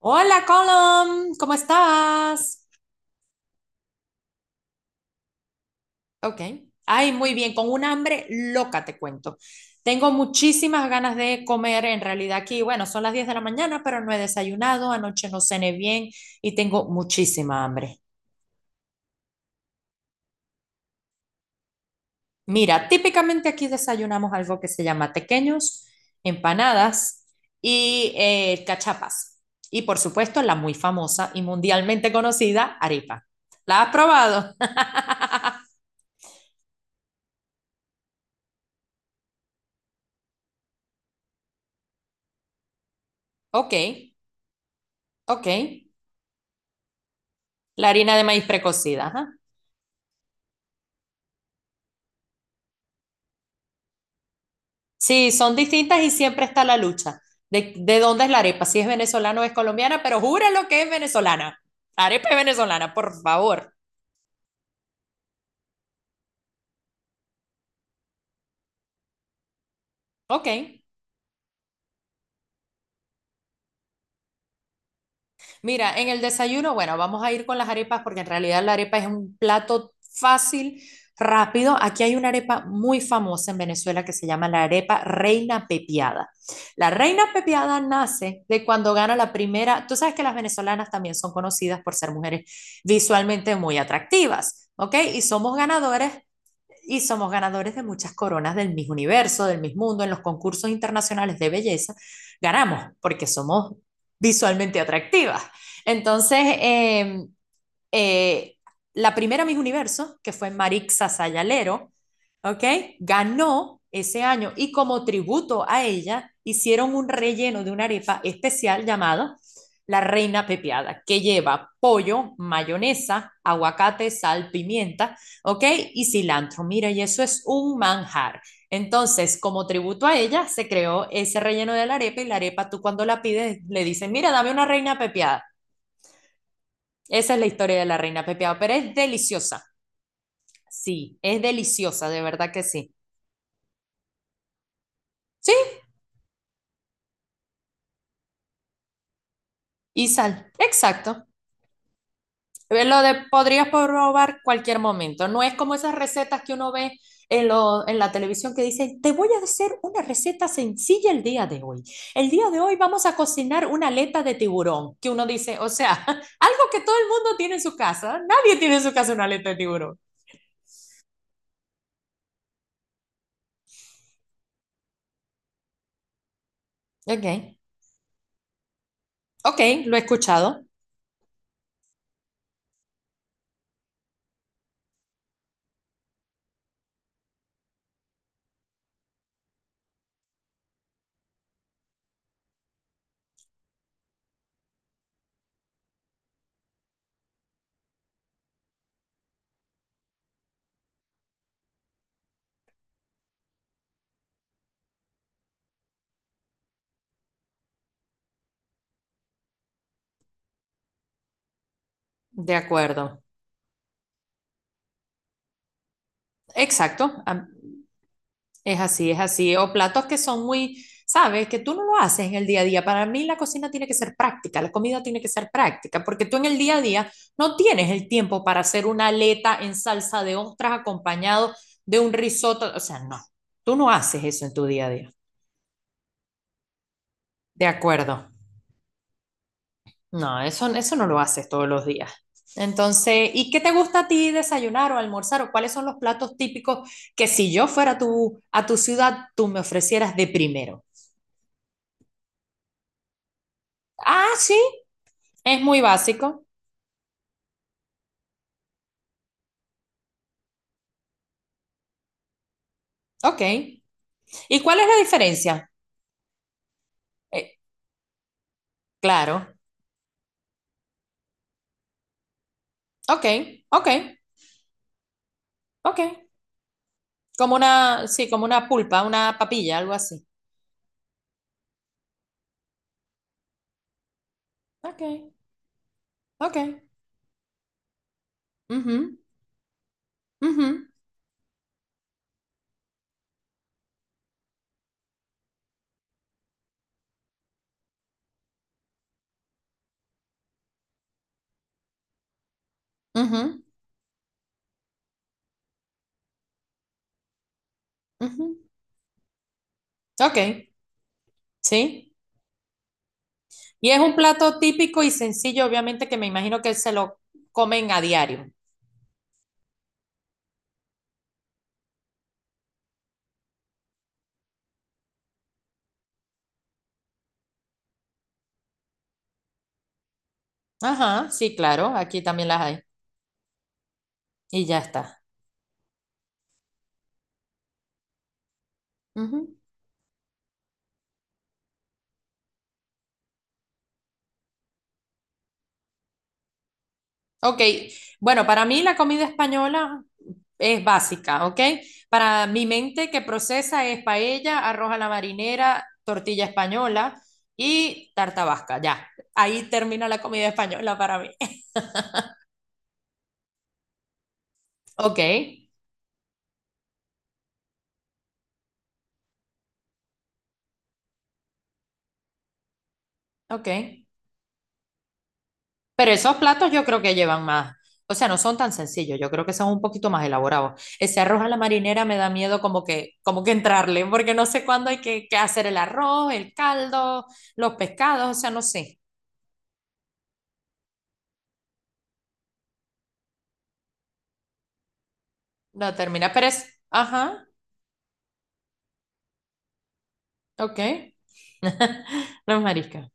Hola, Colom, ¿cómo estás? Ok. Ay, muy bien, con un hambre loca te cuento. Tengo muchísimas ganas de comer, en realidad aquí, bueno, son las 10 de la mañana, pero no he desayunado, anoche no cené bien y tengo muchísima hambre. Mira, típicamente aquí desayunamos algo que se llama tequeños, empanadas y cachapas. Y por supuesto, la muy famosa y mundialmente conocida arepa. ¿La has probado? Ok, ok. La harina de maíz precocida, ajá. Sí, son distintas y siempre está la lucha. ¿De dónde es la arepa? Si es venezolana o es colombiana, pero júralo que es venezolana. Arepa es venezolana, por favor. Ok. Mira, en el desayuno, bueno, vamos a ir con las arepas porque en realidad la arepa es un plato fácil, rápido. Aquí hay una arepa muy famosa en Venezuela que se llama la arepa Reina Pepiada. La Reina Pepiada nace de cuando gana la primera, tú sabes que las venezolanas también son conocidas por ser mujeres visualmente muy atractivas, ¿ok? Y somos ganadores de muchas coronas del mismo universo, del mismo mundo, en los concursos internacionales de belleza, ganamos porque somos visualmente atractivas. Entonces, eh, la primera Miss Universo, que fue Marixa Sayalero, ¿ok? Ganó ese año y como tributo a ella hicieron un relleno de una arepa especial llamado la reina Pepiada que lleva pollo, mayonesa, aguacate, sal, pimienta, ¿ok? Y cilantro. Mira, y eso es un manjar. Entonces, como tributo a ella, se creó ese relleno de la arepa y la arepa tú cuando la pides le dices, mira, dame una reina Pepiada, esa es la historia de la reina pepiada, pero es deliciosa. Sí, es deliciosa, de verdad que sí. Sí, y sal. Exacto. Lo de podrías probar cualquier momento. No es como esas recetas que uno ve en la televisión que dicen, te voy a hacer una receta sencilla el día de hoy. El día de hoy vamos a cocinar una aleta de tiburón, que uno dice, o sea, algo que todo el mundo tiene en su casa. Nadie tiene en su casa una aleta de tiburón. Ok, ok, lo he escuchado. De acuerdo. Exacto. Es así, es así. O platos que son muy, sabes, que tú no lo haces en el día a día. Para mí la cocina tiene que ser práctica, la comida tiene que ser práctica, porque tú en el día a día no tienes el tiempo para hacer una aleta en salsa de ostras acompañado de un risotto. O sea, no, tú no haces eso en tu día a día. De acuerdo. No, eso no lo haces todos los días. Entonces, ¿y qué te gusta a ti desayunar o almorzar o cuáles son los platos típicos que si yo fuera a tu ciudad, tú me ofrecieras de primero? Ah, sí, es muy básico. Ok. ¿Y cuál es la diferencia? Eh, claro. Ok, ok, ok. Como una, sí, como una pulpa, una papilla, algo así. Ok, ok. Ujú, ujú, ujú, ujú. Ok, sí. Y es un plato típico y sencillo, obviamente, que me imagino que se lo comen a diario. Ajá, sí, claro. Aquí también las hay. Y ya está. Ok, bueno, para mí la comida española es básica, ¿ok? Para mi mente que procesa es paella, arroz a la marinera, tortilla española y tarta vasca, ya. Ahí termina la comida española para mí. Ok, ok. Pero esos platos yo creo que llevan más. O sea, no son tan sencillos, yo creo que son un poquito más elaborados. Ese arroz a la marinera me da miedo como que entrarle, porque no sé cuándo hay que hacer el arroz, el caldo, los pescados, o sea, no sé. La termina, Pérez, ajá, ok. Los mariscos.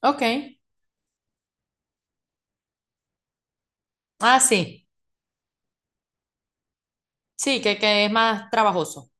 Ok. Ah, sí. Sí, que es más trabajoso.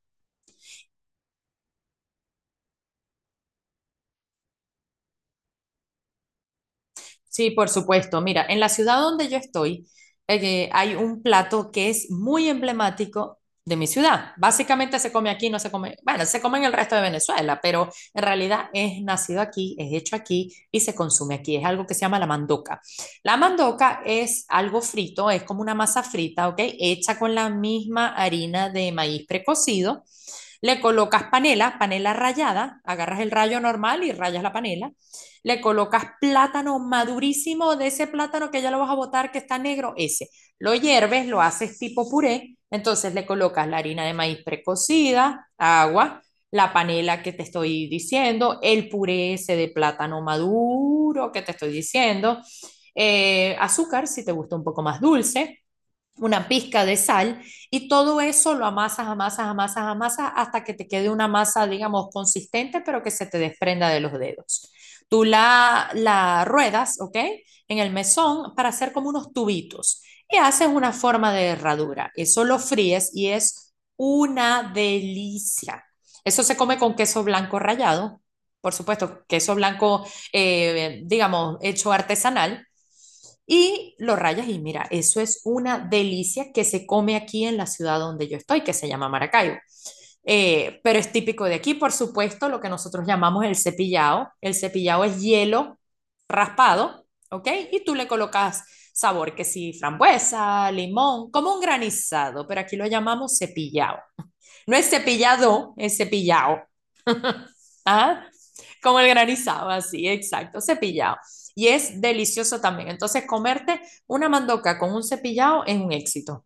Sí, por supuesto. Mira, en la ciudad donde yo estoy, hay un plato que es muy emblemático de mi ciudad. Básicamente se come aquí, no se come, bueno, se come en el resto de Venezuela, pero en realidad es nacido aquí, es hecho aquí y se consume aquí. Es algo que se llama la mandoca. La mandoca es algo frito, es como una masa frita, ¿ok? Hecha con la misma harina de maíz precocido, le colocas panela, panela rallada, agarras el rayo normal y rayas la panela. Le colocas plátano madurísimo de ese plátano que ya lo vas a botar que está negro, ese. Lo hierves, lo haces tipo puré. Entonces le colocas la harina de maíz precocida, agua, la panela que te estoy diciendo, el puré ese de plátano maduro que te estoy diciendo, azúcar si te gusta un poco más dulce, una pizca de sal y todo eso lo amasas, amasas, amasas, amasas hasta que te quede una masa, digamos, consistente, pero que se te desprenda de los dedos. Tú la ruedas, ¿ok? En el mesón para hacer como unos tubitos y haces una forma de herradura. Eso lo fríes y es una delicia. Eso se come con queso blanco rallado, por supuesto, queso blanco, digamos, hecho artesanal, y lo rayas y mira, eso es una delicia que se come aquí en la ciudad donde yo estoy, que se llama Maracaibo. Pero es típico de aquí, por supuesto, lo que nosotros llamamos el cepillado. El cepillado es hielo raspado, ¿ok? Y tú le colocas sabor que sí, frambuesa, limón, como un granizado, pero aquí lo llamamos cepillado. No es cepillado, es cepillado. Ah, como el granizado, así, exacto, cepillado. Y es delicioso también. Entonces, comerte una mandoca con un cepillado es un éxito.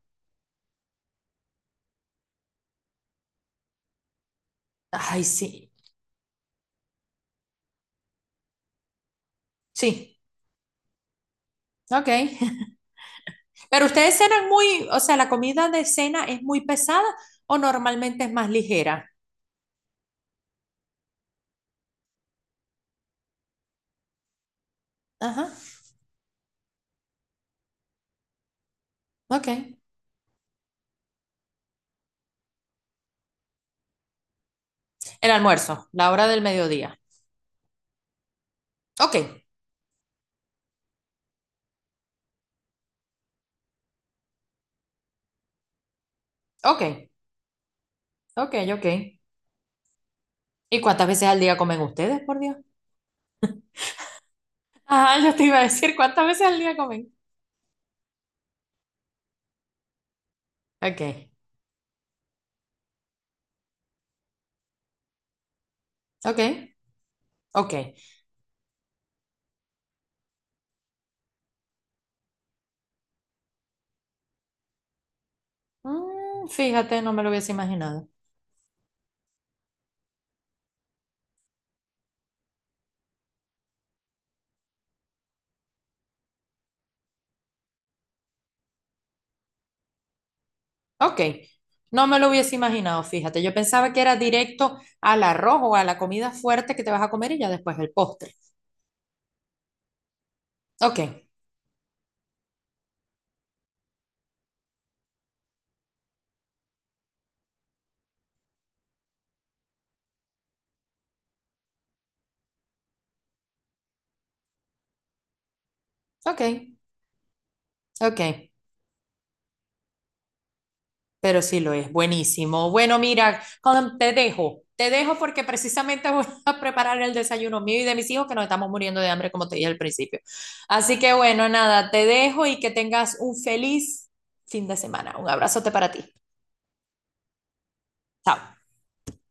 Ay, sí, sí, ok. Pero ustedes cenan muy, o sea, la comida de cena es muy pesada o normalmente es más ligera. Ajá, ok. El almuerzo, la hora del mediodía. Ok, ok, ok, ok. ¿Y cuántas veces al día comen ustedes, por Dios? Ajá, yo te iba a decir, ¿cuántas veces al día comen? Ok, ok, ok. Mm, fíjate, no me lo hubiese imaginado. Ok, no me lo hubiese imaginado, fíjate. Yo pensaba que era directo al arroz o a la comida fuerte que te vas a comer y ya después el postre. Ok, ok, ok. Pero sí lo es, buenísimo. Bueno, mira, Colm, te dejo. Te dejo porque precisamente voy a preparar el desayuno mío y de mis hijos que nos estamos muriendo de hambre, como te dije al principio. Así que bueno, nada, te dejo y que tengas un feliz fin de semana. Un abrazote para ti. Chao.